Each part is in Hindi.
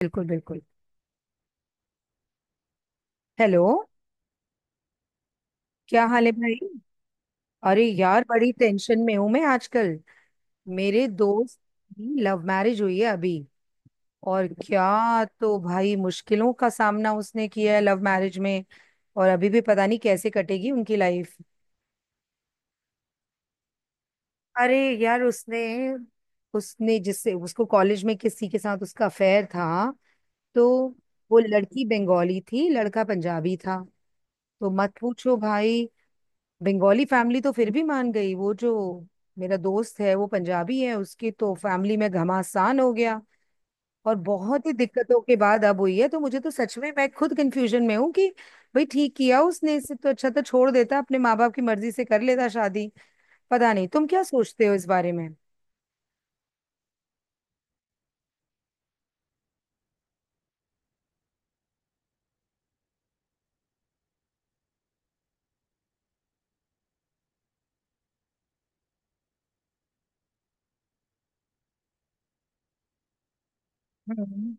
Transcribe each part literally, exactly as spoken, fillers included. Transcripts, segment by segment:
बिल्कुल बिल्कुल। हेलो। क्या हाल है भाई? अरे यार बड़ी टेंशन में हूं मैं आजकल। मेरे दोस्त की लव मैरिज हुई है अभी। और क्या तो भाई, मुश्किलों का सामना उसने किया है लव मैरिज में। और अभी भी पता नहीं कैसे कटेगी उनकी लाइफ। अरे यार, उसने उसने जिससे, उसको कॉलेज में किसी के साथ उसका अफेयर था। तो वो लड़की बंगाली थी, लड़का पंजाबी था। तो मत पूछो भाई। बंगाली फैमिली तो फिर भी मान गई, वो जो मेरा दोस्त है वो पंजाबी है, उसकी तो फैमिली में घमासान हो गया। और बहुत ही दिक्कतों के बाद अब हुई है, तो मुझे तो सच में, मैं खुद कंफ्यूजन में हूँ कि भाई ठीक किया उसने? इससे तो अच्छा तो छोड़ देता, अपने माँ बाप की मर्जी से कर लेता शादी। पता नहीं तुम क्या सोचते हो इस बारे में। हम्म।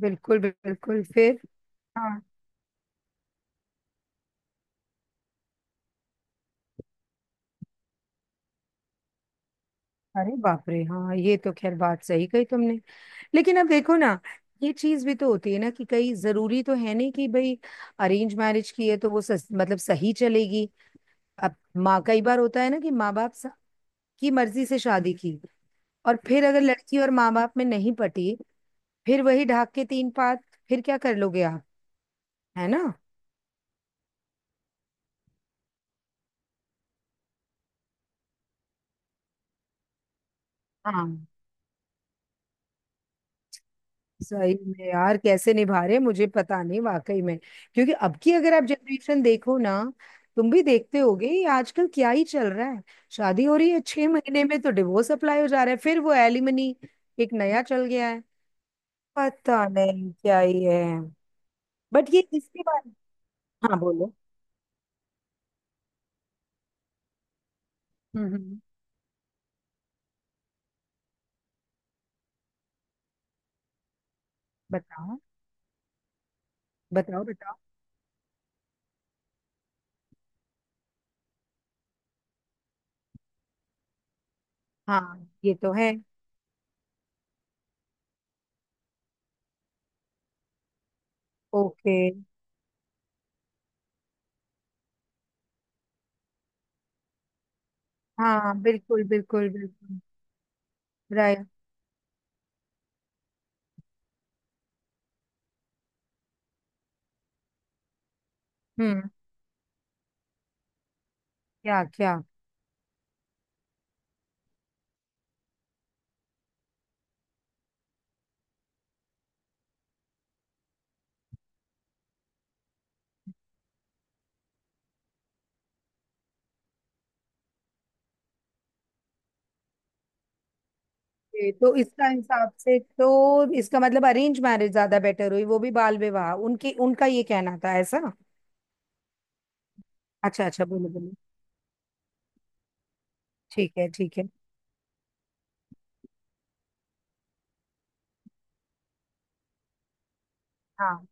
बिल्कुल बिल्कुल, फिर हाँ। अरे बाप रे, हाँ ये तो खैर बात सही कही तुमने। लेकिन अब देखो ना, ये चीज भी तो होती है ना कि कई, जरूरी तो है नहीं कि भाई अरेंज मैरिज की है तो वो सस, मतलब सही चलेगी। अब माँ, कई बार होता है ना कि माँ बाप स- की मर्जी से शादी की, और फिर अगर लड़की और माँ बाप में नहीं पटी, फिर वही ढाक के तीन पात, फिर क्या कर लोगे आप? है ना? हाँ, सही में यार, कैसे निभा रहे हैं, मुझे पता नहीं वाकई में। क्योंकि अब की, अगर आप जनरेशन देखो ना, तुम भी देखते होगे ये आजकल क्या ही चल रहा है। शादी हो रही है, छह महीने में तो डिवोर्स अप्लाई हो जा रहा है, फिर वो एलिमनी, एक नया चल गया है। पता नहीं क्या ही है। बट ये इसके बारे, हाँ बोलो। हम्म हम्म। बताओ बताओ बताओ। हाँ, ये तो है। ओके। हाँ बिल्कुल बिल्कुल बिल्कुल। राय। हम्म। क्या क्या। ये तो, इसका हिसाब से तो इसका मतलब अरेंज मैरिज ज्यादा बेटर हुई, वो भी बाल विवाह, उनकी उनका ये कहना था ऐसा? अच्छा अच्छा, बोलो बोलो। ठीक है ठीक है। हाँ।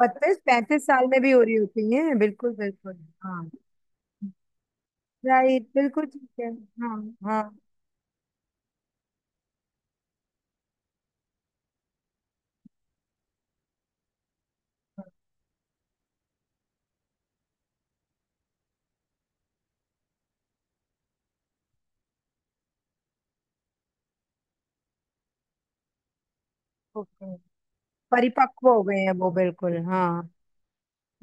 बत्तीस पैंतीस साल में भी हो रही होती है, बिल्कुल बिल्कुल। हाँ। राइट, बिल्कुल ठीक है, हाँ। हाँ। हाँ। ओके। परिपक्व हो गए हैं वो, बिल्कुल हाँ।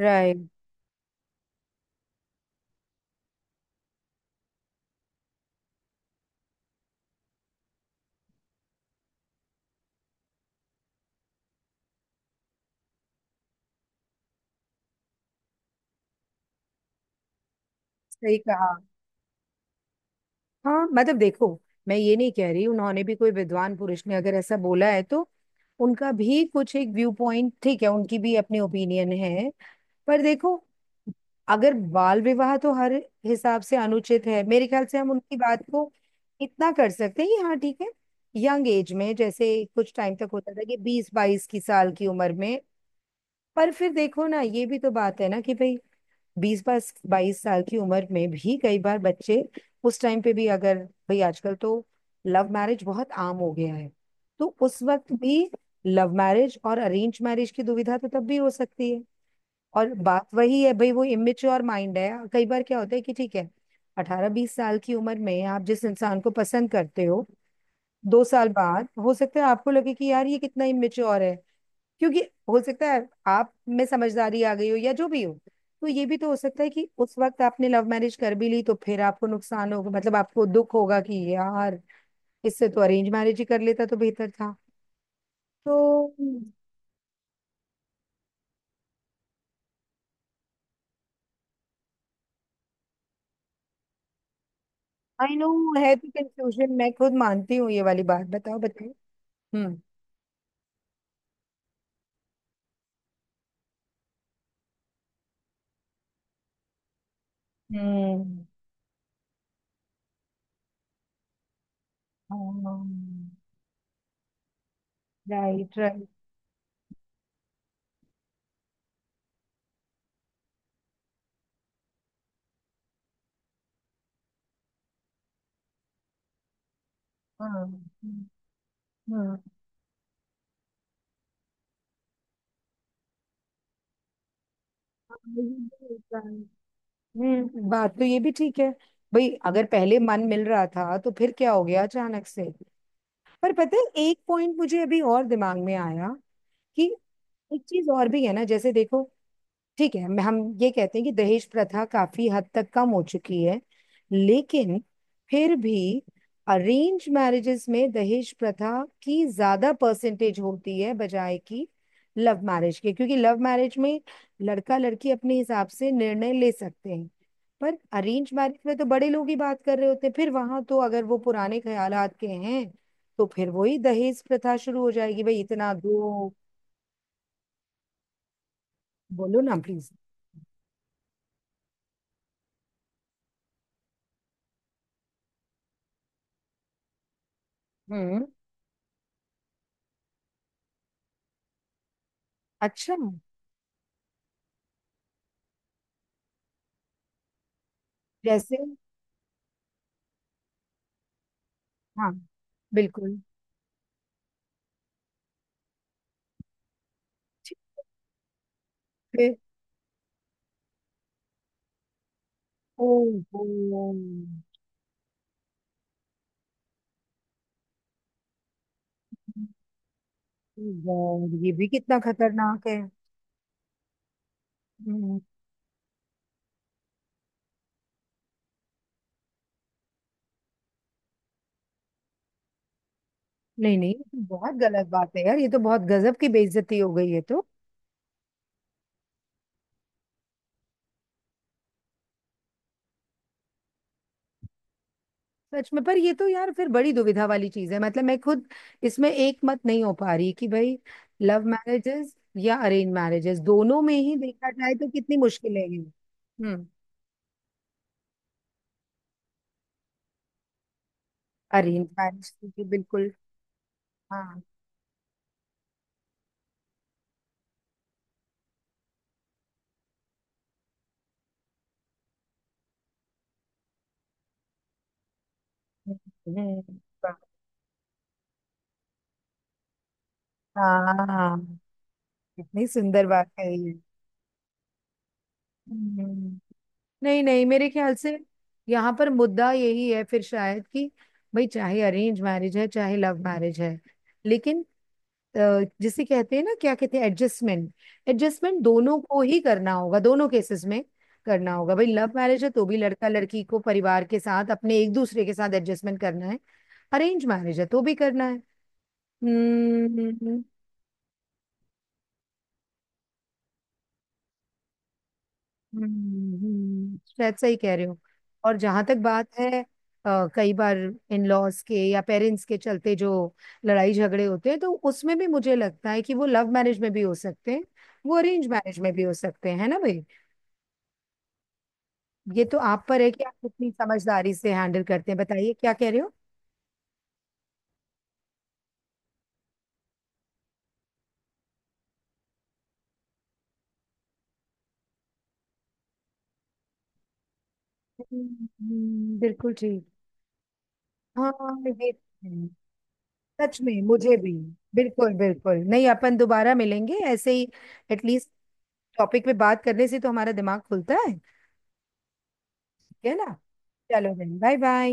राइट। सही कहा। हाँ मतलब देखो, मैं ये नहीं कह रही, उन्होंने भी, कोई विद्वान पुरुष ने अगर ऐसा बोला है तो उनका भी कुछ एक व्यू पॉइंट, ठीक है, उनकी भी अपनी ओपिनियन है। पर देखो, अगर बाल विवाह तो हर हिसाब से अनुचित है मेरे ख्याल से। हम उनकी बात को इतना कर सकते हैं कि हाँ ठीक है, यंग एज में, जैसे कुछ टाइम तक होता था कि बीस बाईस की साल की उम्र में। पर फिर देखो ना, ये भी तो बात है ना कि भाई बीस बाईस बाईस साल की उम्र में भी कई बार बच्चे, उस टाइम पे भी, अगर भाई आजकल तो लव मैरिज बहुत आम हो गया है, तो उस वक्त भी लव मैरिज और अरेंज मैरिज की दुविधा तो तब भी हो सकती है। और बात वही है भाई, वो इमेच्योर माइंड है। कई बार क्या होता है कि ठीक है, अठारह बीस साल की उम्र में आप जिस इंसान को पसंद करते हो, दो साल बाद हो सकता है आपको लगे कि यार ये कितना इमेच्योर है। क्योंकि हो सकता है आप में समझदारी आ गई हो, या जो भी हो। तो ये भी तो हो सकता है कि उस वक्त आपने लव मैरिज कर भी ली, तो फिर आपको नुकसान होगा, मतलब आपको दुख होगा कि यार इससे तो अरेंज मैरिज ही कर लेता तो बेहतर था। तो आई नो, है तो कंफ्यूजन, मैं खुद मानती हूँ, ये वाली बात बताओ बताओ। हम्म हम्म। Right right. हाँ, right, right, हाँ। हम्म। हम्म, बात तो ये भी ठीक है। भाई अगर पहले मन मिल रहा था तो फिर क्या हो गया अचानक से? पर पता है, एक पॉइंट मुझे अभी और दिमाग में आया, कि एक चीज और भी है ना, जैसे देखो, ठीक है, मैं- हम ये कहते हैं कि दहेज प्रथा काफी हद तक कम हो चुकी है, लेकिन फिर भी अरेंज मैरिजेस में दहेज प्रथा की ज्यादा परसेंटेज होती है बजाय कि लव मैरिज के। क्योंकि लव मैरिज में लड़का लड़की अपने हिसाब से निर्णय ले सकते हैं। पर अरेंज मैरिज में तो बड़े लोग ही बात कर रहे होते हैं, फिर वहां तो अगर वो पुराने ख्यालात के हैं, तो फिर वही दहेज प्रथा शुरू हो जाएगी भाई, इतना दो। बोलो ना प्लीज। हम्म। अच्छा, जैसे। हाँ, बिल्कुल ठीक है। ओहो गॉड, ये भी कितना खतरनाक है। हम्म। नहीं नहीं, ये तो बहुत गलत बात है यार, ये तो बहुत गजब की बेइज्जती हो गई है, तो सच में। पर ये तो यार फिर बड़ी दुविधा वाली चीज है, मतलब मैं खुद इसमें एक मत नहीं हो पा रही, कि भाई लव मैरिजेस या अरेंज मैरिजेस, दोनों में ही देखा जाए तो कितनी मुश्किलें हैं। हम्म। Arrange marriage. बिल्कुल। हाँ। हम्म, हम्म, हाँ। कितनी सुंदर बात है ये। हम्म। नहीं नहीं, मेरे ख्याल से यहाँ पर मुद्दा यही है फिर शायद, कि भाई चाहे अरेंज मैरिज है चाहे लव मैरिज है, लेकिन अ, जिसे कहते हैं ना, क्या कहते हैं, एडजस्टमेंट। एडजस्टमेंट दोनों को ही करना होगा, दोनों केसेस में करना होगा भाई। लव मैरिज है तो भी लड़का लड़की को परिवार के साथ, अपने एक दूसरे के साथ एडजस्टमेंट करना है, अरेंज मैरिज है तो भी करना है। हम्म हम्म हम्म, हम्म। शायद सही कह रहे हो। और जहां तक बात है, अ, कई बार इन लॉज के या पेरेंट्स के चलते जो लड़ाई झगड़े होते हैं, तो उसमें भी मुझे लगता है कि वो लव मैरिज में भी हो सकते हैं, वो अरेंज मैरिज में भी हो सकते हैं, है ना भाई? ये तो आप पर है कि आप कितनी समझदारी से हैंडल करते हैं, बताइए क्या कह रहे हो। हम्म, हम्म, बिल्कुल ठीक। हाँ ये तो है। सच में मुझे भी, बिल्कुल बिल्कुल। नहीं, अपन दोबारा मिलेंगे ऐसे ही, एटलीस्ट टॉपिक पे बात करने से तो हमारा दिमाग खुलता है है ना। चलो बहन, बाय बाय।